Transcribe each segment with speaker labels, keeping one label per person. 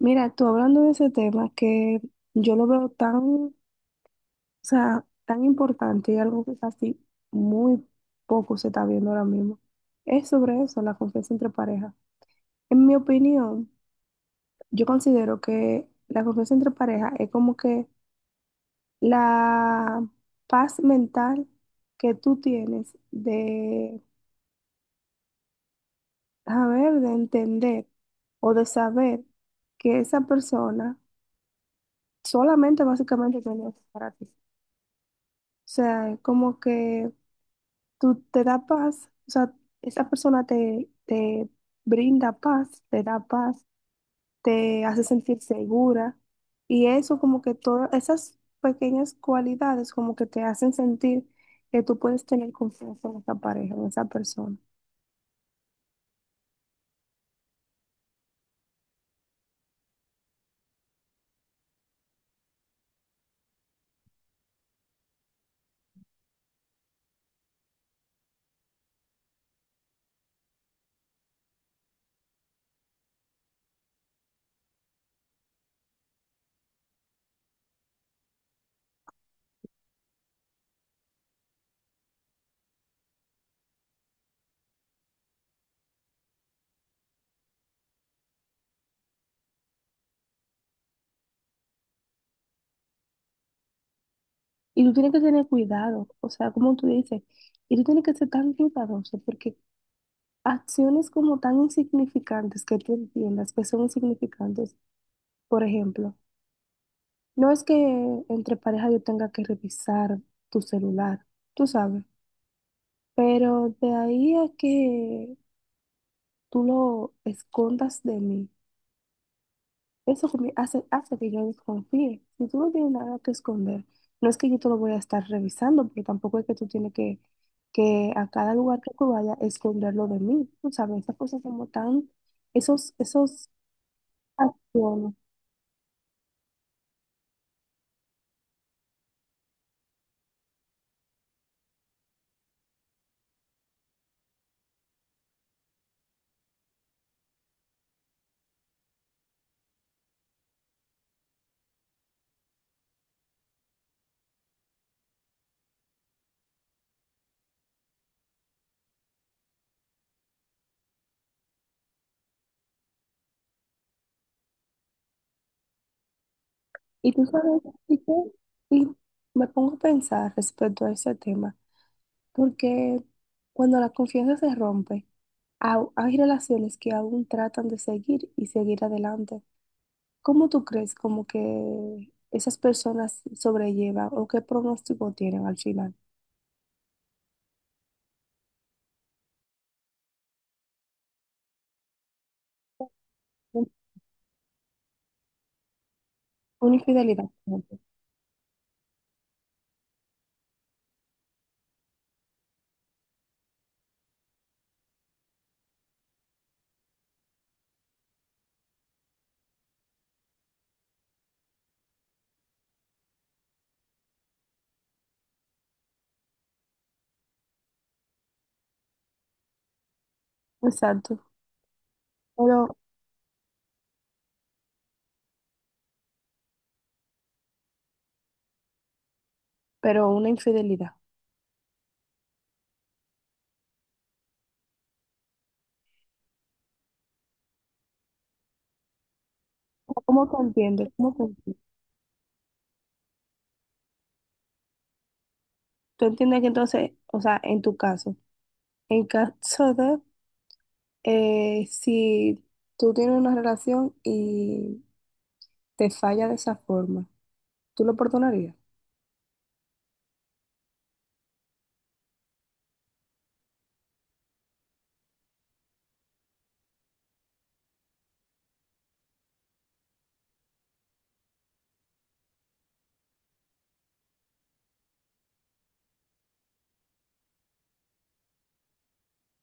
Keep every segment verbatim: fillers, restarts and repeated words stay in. Speaker 1: Mira, tú hablando de ese tema que yo lo veo tan, o sea, tan importante y algo que casi muy poco se está viendo ahora mismo, es sobre eso, la confianza entre parejas. En mi opinión, yo considero que la confianza entre parejas es como que la paz mental que tú tienes de saber, de entender o de saber que esa persona solamente básicamente tiene para ti. O sea, como que tú te da paz, o sea, esa persona te, te brinda paz, te da paz, te hace sentir segura. Y eso como que todas esas pequeñas cualidades como que te hacen sentir que tú puedes tener confianza en esa pareja, en esa persona. Y tú tienes que tener cuidado, o sea, como tú dices, y tú tienes que ser tan cuidadoso porque acciones como tan insignificantes que tú entiendas que son insignificantes, por ejemplo. No es que entre pareja yo tenga que revisar tu celular, tú sabes, pero de ahí a que tú lo escondas de mí, eso conmi- hace, hace que yo desconfíe. Si tú no tienes nada que esconder, no es que yo te lo voy a estar revisando, pero tampoco es que tú tienes que, que a cada lugar que tú vayas esconderlo de mí, tú sabes, esas cosas como tan, esos, esos acciones. Y tú sabes, y, tú- y me pongo a pensar respecto a ese tema. Porque cuando la confianza se rompe, au- hay relaciones que aún tratan de seguir y seguir adelante. ¿Cómo tú crees como que esas personas sobrellevan o qué pronóstico tienen al final? Un- Una infidelidad, por ejemplo. Exacto. Pero, pero una infidelidad. ¿Cómo te entiendes? ¿Cómo te entiendes? Tú entiendes que entonces, o sea, en tu caso, en caso de eh, si tú tienes una relación y te falla de esa forma. ¿Tú lo perdonarías?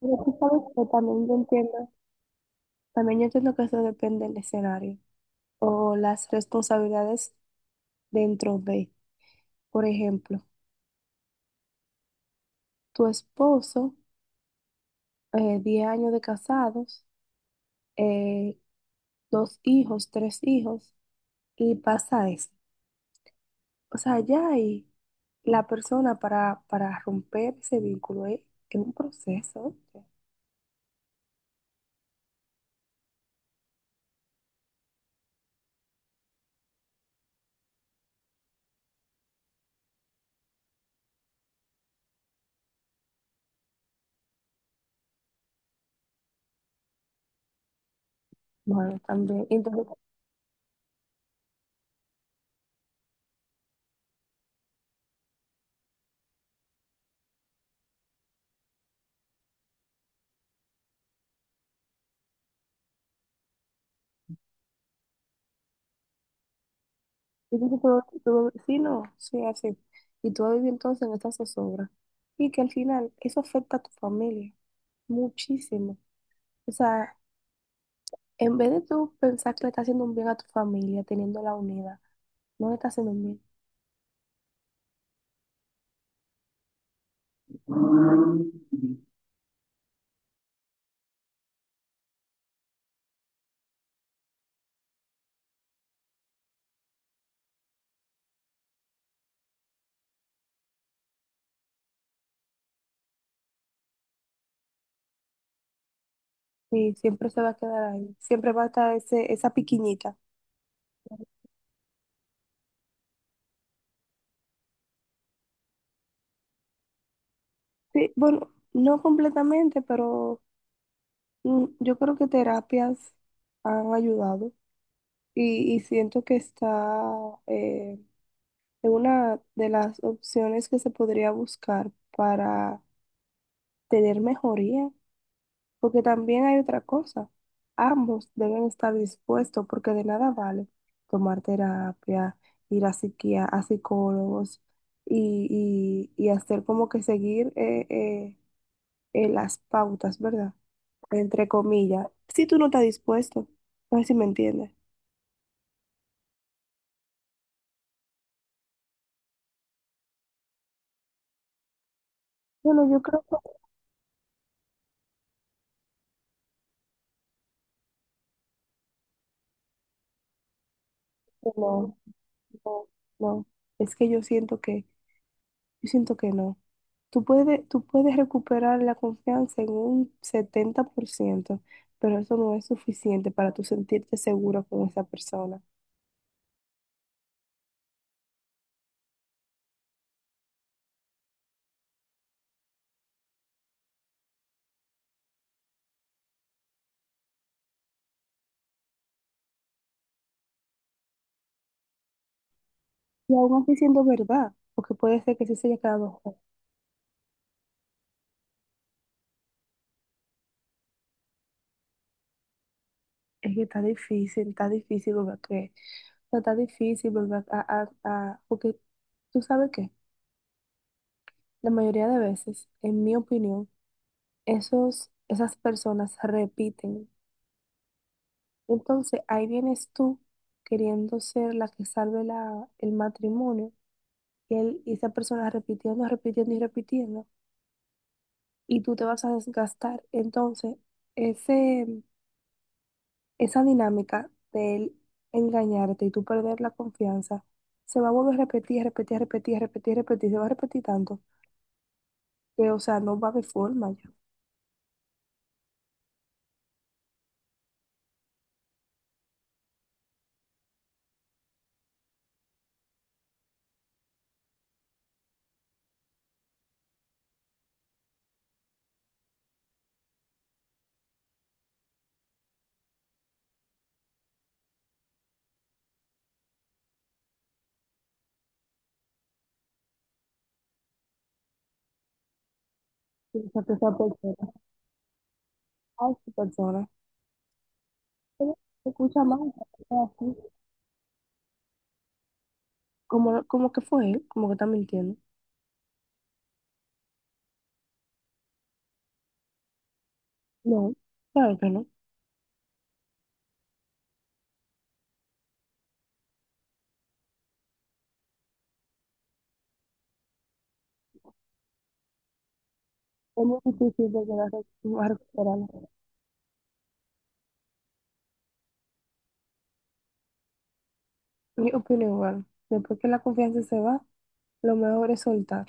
Speaker 1: Pero tú sabes que también yo entiendo, también yo entiendo que eso depende del escenario o las responsabilidades dentro de, por ejemplo, tu esposo, eh, diez años de casados, eh, dos hijos, tres hijos, y pasa eso. O sea, ya ahí la persona para, para romper ese vínculo es, es un proceso. ¿Eh? Bueno, también. Entonces, y dice, tú, tú- sí, no, sí, así. Y tú vas a vivir entonces en esa zozobra. Y que al final eso afecta a tu familia muchísimo. O sea, en vez de tú pensar que le estás haciendo un bien a tu familia, teniéndola unida, no le estás haciendo un bien. Sí, siempre se va a quedar ahí. Siempre va a estar ese, esa piquiñita. Sí, bueno, no completamente, pero mm, yo creo que terapias han ayudado. Y, y siento que está, eh, es una de las opciones que se podría buscar para tener mejoría, porque también hay otra cosa. Ambos deben estar dispuestos porque de nada vale tomar terapia, ir a psiquia- a psicólogos y, y- y hacer como que seguir eh, eh, eh, las pautas, ¿verdad? Entre comillas. Si tú no estás dispuesto, no sé si me entiendes. Bueno, yo creo que no, no, no. Es que yo siento que, yo siento que no. Tú puedes, tú puedes recuperar la confianza en un setenta por ciento, pero eso no es suficiente para tú sentirte seguro con esa persona. Y aún así siendo verdad, porque puede ser que sí se haya quedado. "Jo, es que está difícil, está difícil volver a creer. O sea, está difícil volver a, a, a- porque tú sabes que la mayoría de veces, en mi opinión, esos, esas personas repiten. Entonces ahí vienes tú queriendo ser la que salve la, el matrimonio que él- y esa persona repitiendo, repitiendo y repitiendo, y tú te vas a desgastar. Entonces, ese, esa dinámica de él engañarte y tú perder la confianza, se va a volver a repetir, repetir, repetir, repetir, repetir, se va a repetir tanto que, o sea, no va a haber forma ya. O que esa persona, a esa persona, pero se escucha mal, es así, como, como que fue él, como que está mintiendo. No, claro que no. Es muy difícil de llegar a recuperarlo. Yo opino igual. Después que la confianza se va, lo mejor es soltar.